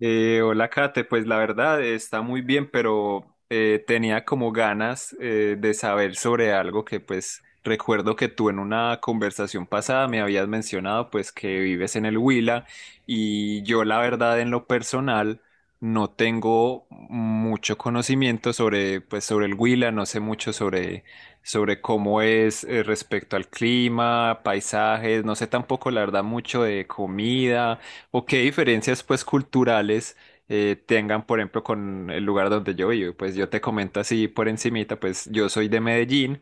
Hola Kate, pues la verdad está muy bien, pero tenía como ganas de saber sobre algo que pues recuerdo que tú en una conversación pasada me habías mencionado pues que vives en el Huila y yo la verdad en lo personal no tengo mucho conocimiento sobre pues sobre el Huila, no sé mucho sobre cómo es respecto al clima, paisajes, no sé tampoco la verdad mucho de comida o qué diferencias pues culturales tengan, por ejemplo, con el lugar donde yo vivo. Pues yo te comento así por encimita, pues yo soy de Medellín.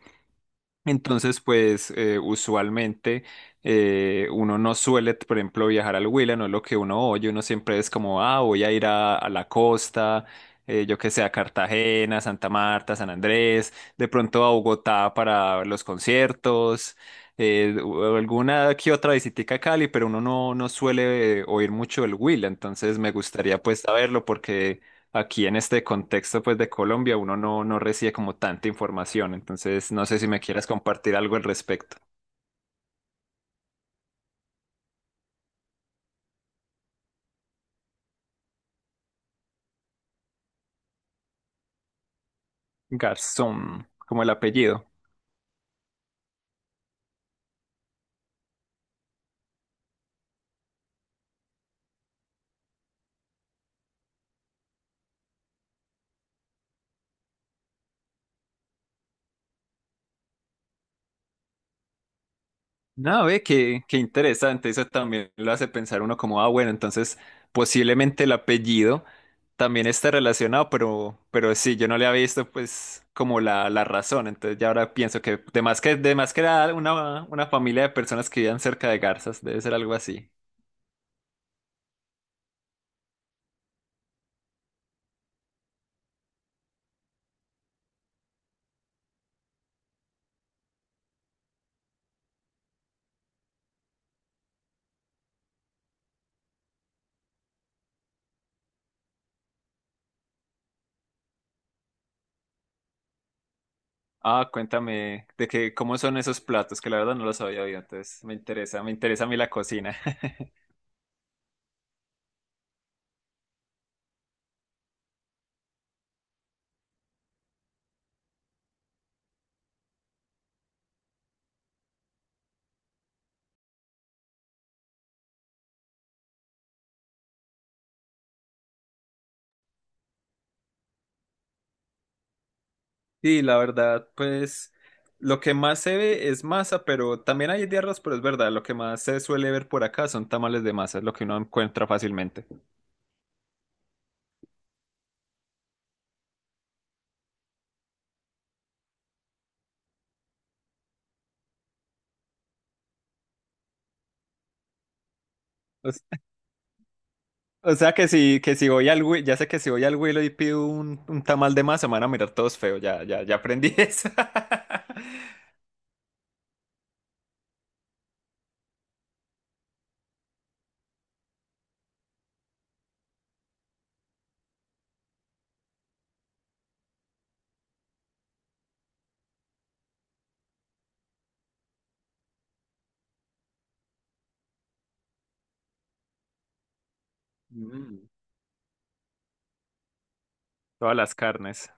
Entonces, pues usualmente uno no suele, por ejemplo, viajar al Huila, no es lo que uno oye, uno siempre es como, ah, voy a ir a la costa, yo que sé, a Cartagena, Santa Marta, San Andrés, de pronto a Bogotá para los conciertos, o alguna que otra visitica a Cali, pero uno no, no suele oír mucho el Huila, entonces me gustaría pues saberlo porque aquí en este contexto pues de Colombia uno no, no recibe como tanta información, entonces no sé si me quieras compartir algo al respecto. Garzón, como el apellido. No, ve, qué, qué interesante, eso también lo hace pensar uno como, ah, bueno, entonces posiblemente el apellido también está relacionado, pero sí, yo no le había visto pues como la razón, entonces ya ahora pienso que de más que, de más que era una familia de personas que vivían cerca de garzas, debe ser algo así. Ah, cuéntame de que cómo son esos platos, que la verdad no los había oído, entonces me interesa a mí la cocina. Sí, la verdad, pues lo que más se ve es masa, pero también hay de arroz, pero es verdad, lo que más se suele ver por acá son tamales de masa, es lo que uno encuentra fácilmente. O, s- o sea que que si voy al ya sé que si voy al Willow y pido un tamal de masa, me van a mirar todos feos, ya, ya, ya aprendí eso. Mm, Todas las carnes.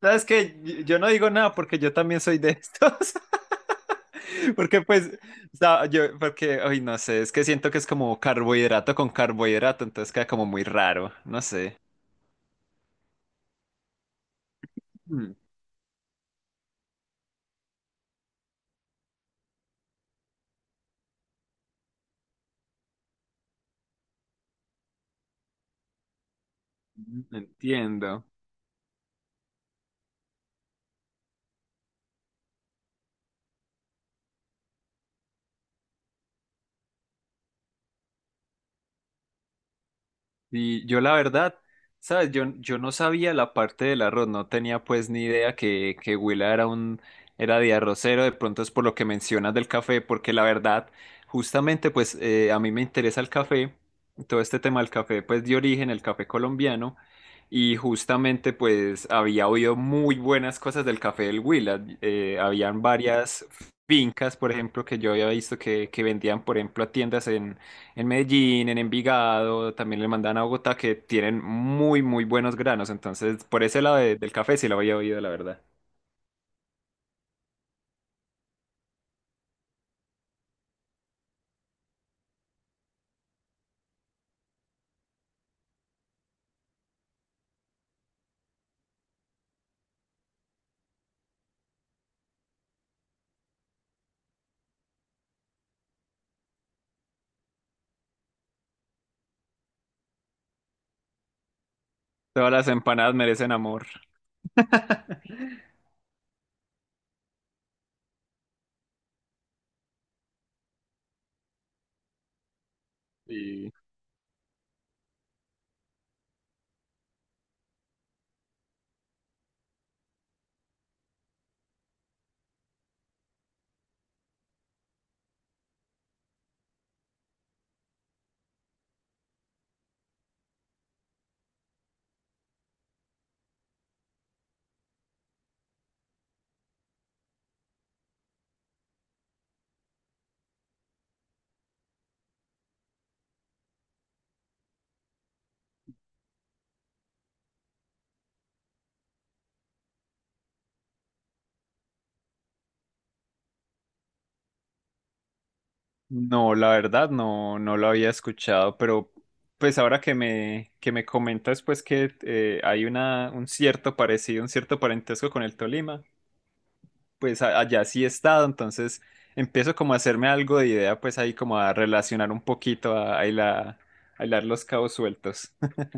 ¿Sabes que yo no digo nada porque yo también soy de estos. Porque pues, o sea, yo, porque, ay, no sé, es que siento que es como carbohidrato con carbohidrato, entonces queda como muy raro, no sé. Mm, Entiendo. Y yo la verdad, sabes, yo no sabía la parte del arroz, no tenía pues ni idea que Huila era era de arrocero, de pronto es por lo que mencionas del café, porque la verdad, justamente pues a mí me interesa el café, todo este tema del café pues de origen, el café colombiano, y justamente pues había oído muy buenas cosas del café del Huila, habían varias fincas, por ejemplo, que yo había visto que vendían, por ejemplo, a tiendas en Medellín, en Envigado, también le mandan a Bogotá que tienen muy, muy buenos granos. Entonces, por ese lado del café sí lo había oído, la verdad. Todas las empanadas merecen amor. Y no, la verdad no, no lo había escuchado, pero pues ahora que me comentas pues que hay una, un cierto parecido, un cierto parentesco con el Tolima, pues allá sí he estado, entonces empiezo como a hacerme algo de idea, pues ahí como a relacionar un poquito, a hilar los cabos sueltos.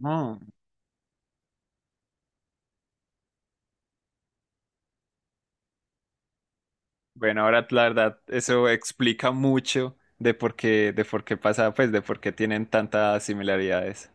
No. Bueno, ahora la verdad, eso explica mucho de por qué pasa, pues de por qué tienen tantas similaridades.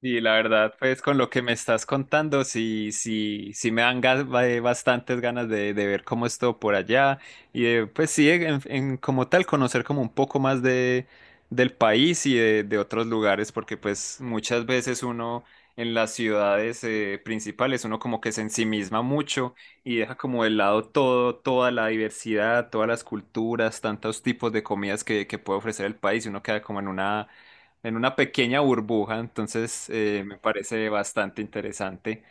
Y la verdad, pues con lo que me estás contando, sí, sí, sí me dan bastantes ganas de ver cómo es todo por allá y de, pues sí, como tal, conocer como un poco más de, del país y de otros lugares, porque pues muchas veces uno en las ciudades principales, uno como que se ensimisma mucho y deja como de lado todo, toda la diversidad, todas las culturas, tantos tipos de comidas que puede ofrecer el país y uno queda como en una pequeña burbuja, entonces me parece bastante interesante.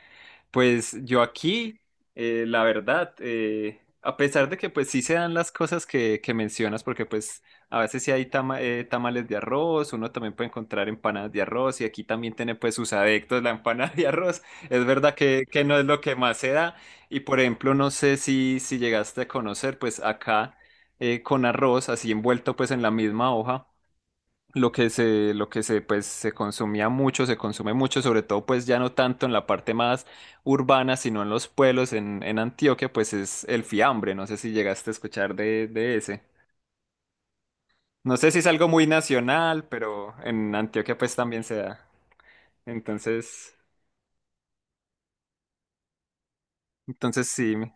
Pues yo aquí, la verdad, a pesar de que pues sí se dan las cosas que mencionas, porque pues a veces sí hay tamales de arroz, uno también puede encontrar empanadas de arroz y aquí también tiene pues sus adeptos la empanada de arroz. Es verdad que no es lo que más se da y por ejemplo, no sé si, si llegaste a conocer pues acá con arroz así envuelto pues en la misma hoja lo que se, pues, se consumía mucho, se consume mucho, sobre todo, pues, ya no tanto en la parte más urbana, sino en los pueblos, en Antioquia, pues, es el fiambre. No sé si llegaste a escuchar de ese. No sé si es algo muy nacional, pero en Antioquia, pues, también se da. Entonces, entonces sí,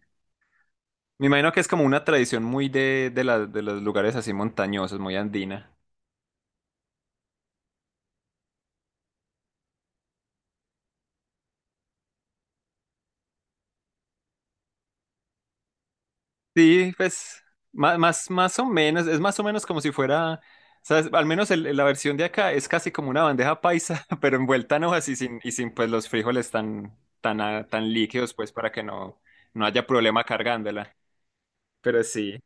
me imagino que es como una tradición muy de de los lugares así montañosos, muy andina. Sí, pues más, más, o menos, es más o menos como si fuera, ¿sabes? Al menos la versión de acá es casi como una bandeja paisa, pero envuelta en hojas y sin pues los frijoles tan, tan, ah, tan líquidos, pues para que no, no haya problema cargándola. Pero sí.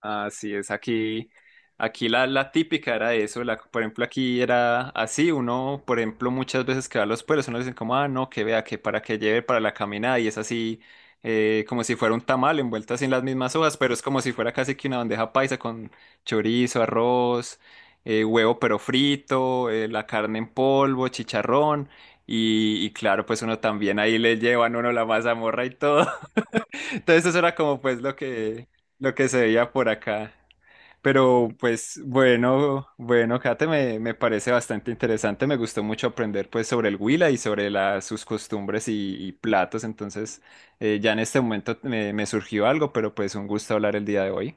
Así es, aquí, aquí la, la típica era eso, la, por ejemplo, aquí era así, uno, por ejemplo, muchas veces que va a los pueblos, uno dice como, ah, no, que vea, que para que lleve para la caminada, y es así, como si fuera un tamal envuelto así en las mismas hojas, pero es como si fuera casi que una bandeja paisa con chorizo, arroz, huevo pero frito, la carne en polvo, chicharrón, y claro, pues uno también ahí le llevan uno la mazamorra y todo, entonces eso era como pues lo que se veía por acá. Pero pues bueno, bueno, Kate, me parece bastante interesante. Me gustó mucho aprender pues sobre el Huila y sobre sus costumbres y platos. Entonces, ya en este momento me, me surgió algo, pero pues un gusto hablar el día de hoy.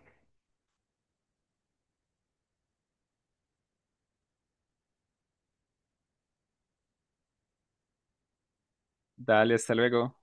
Dale, hasta luego.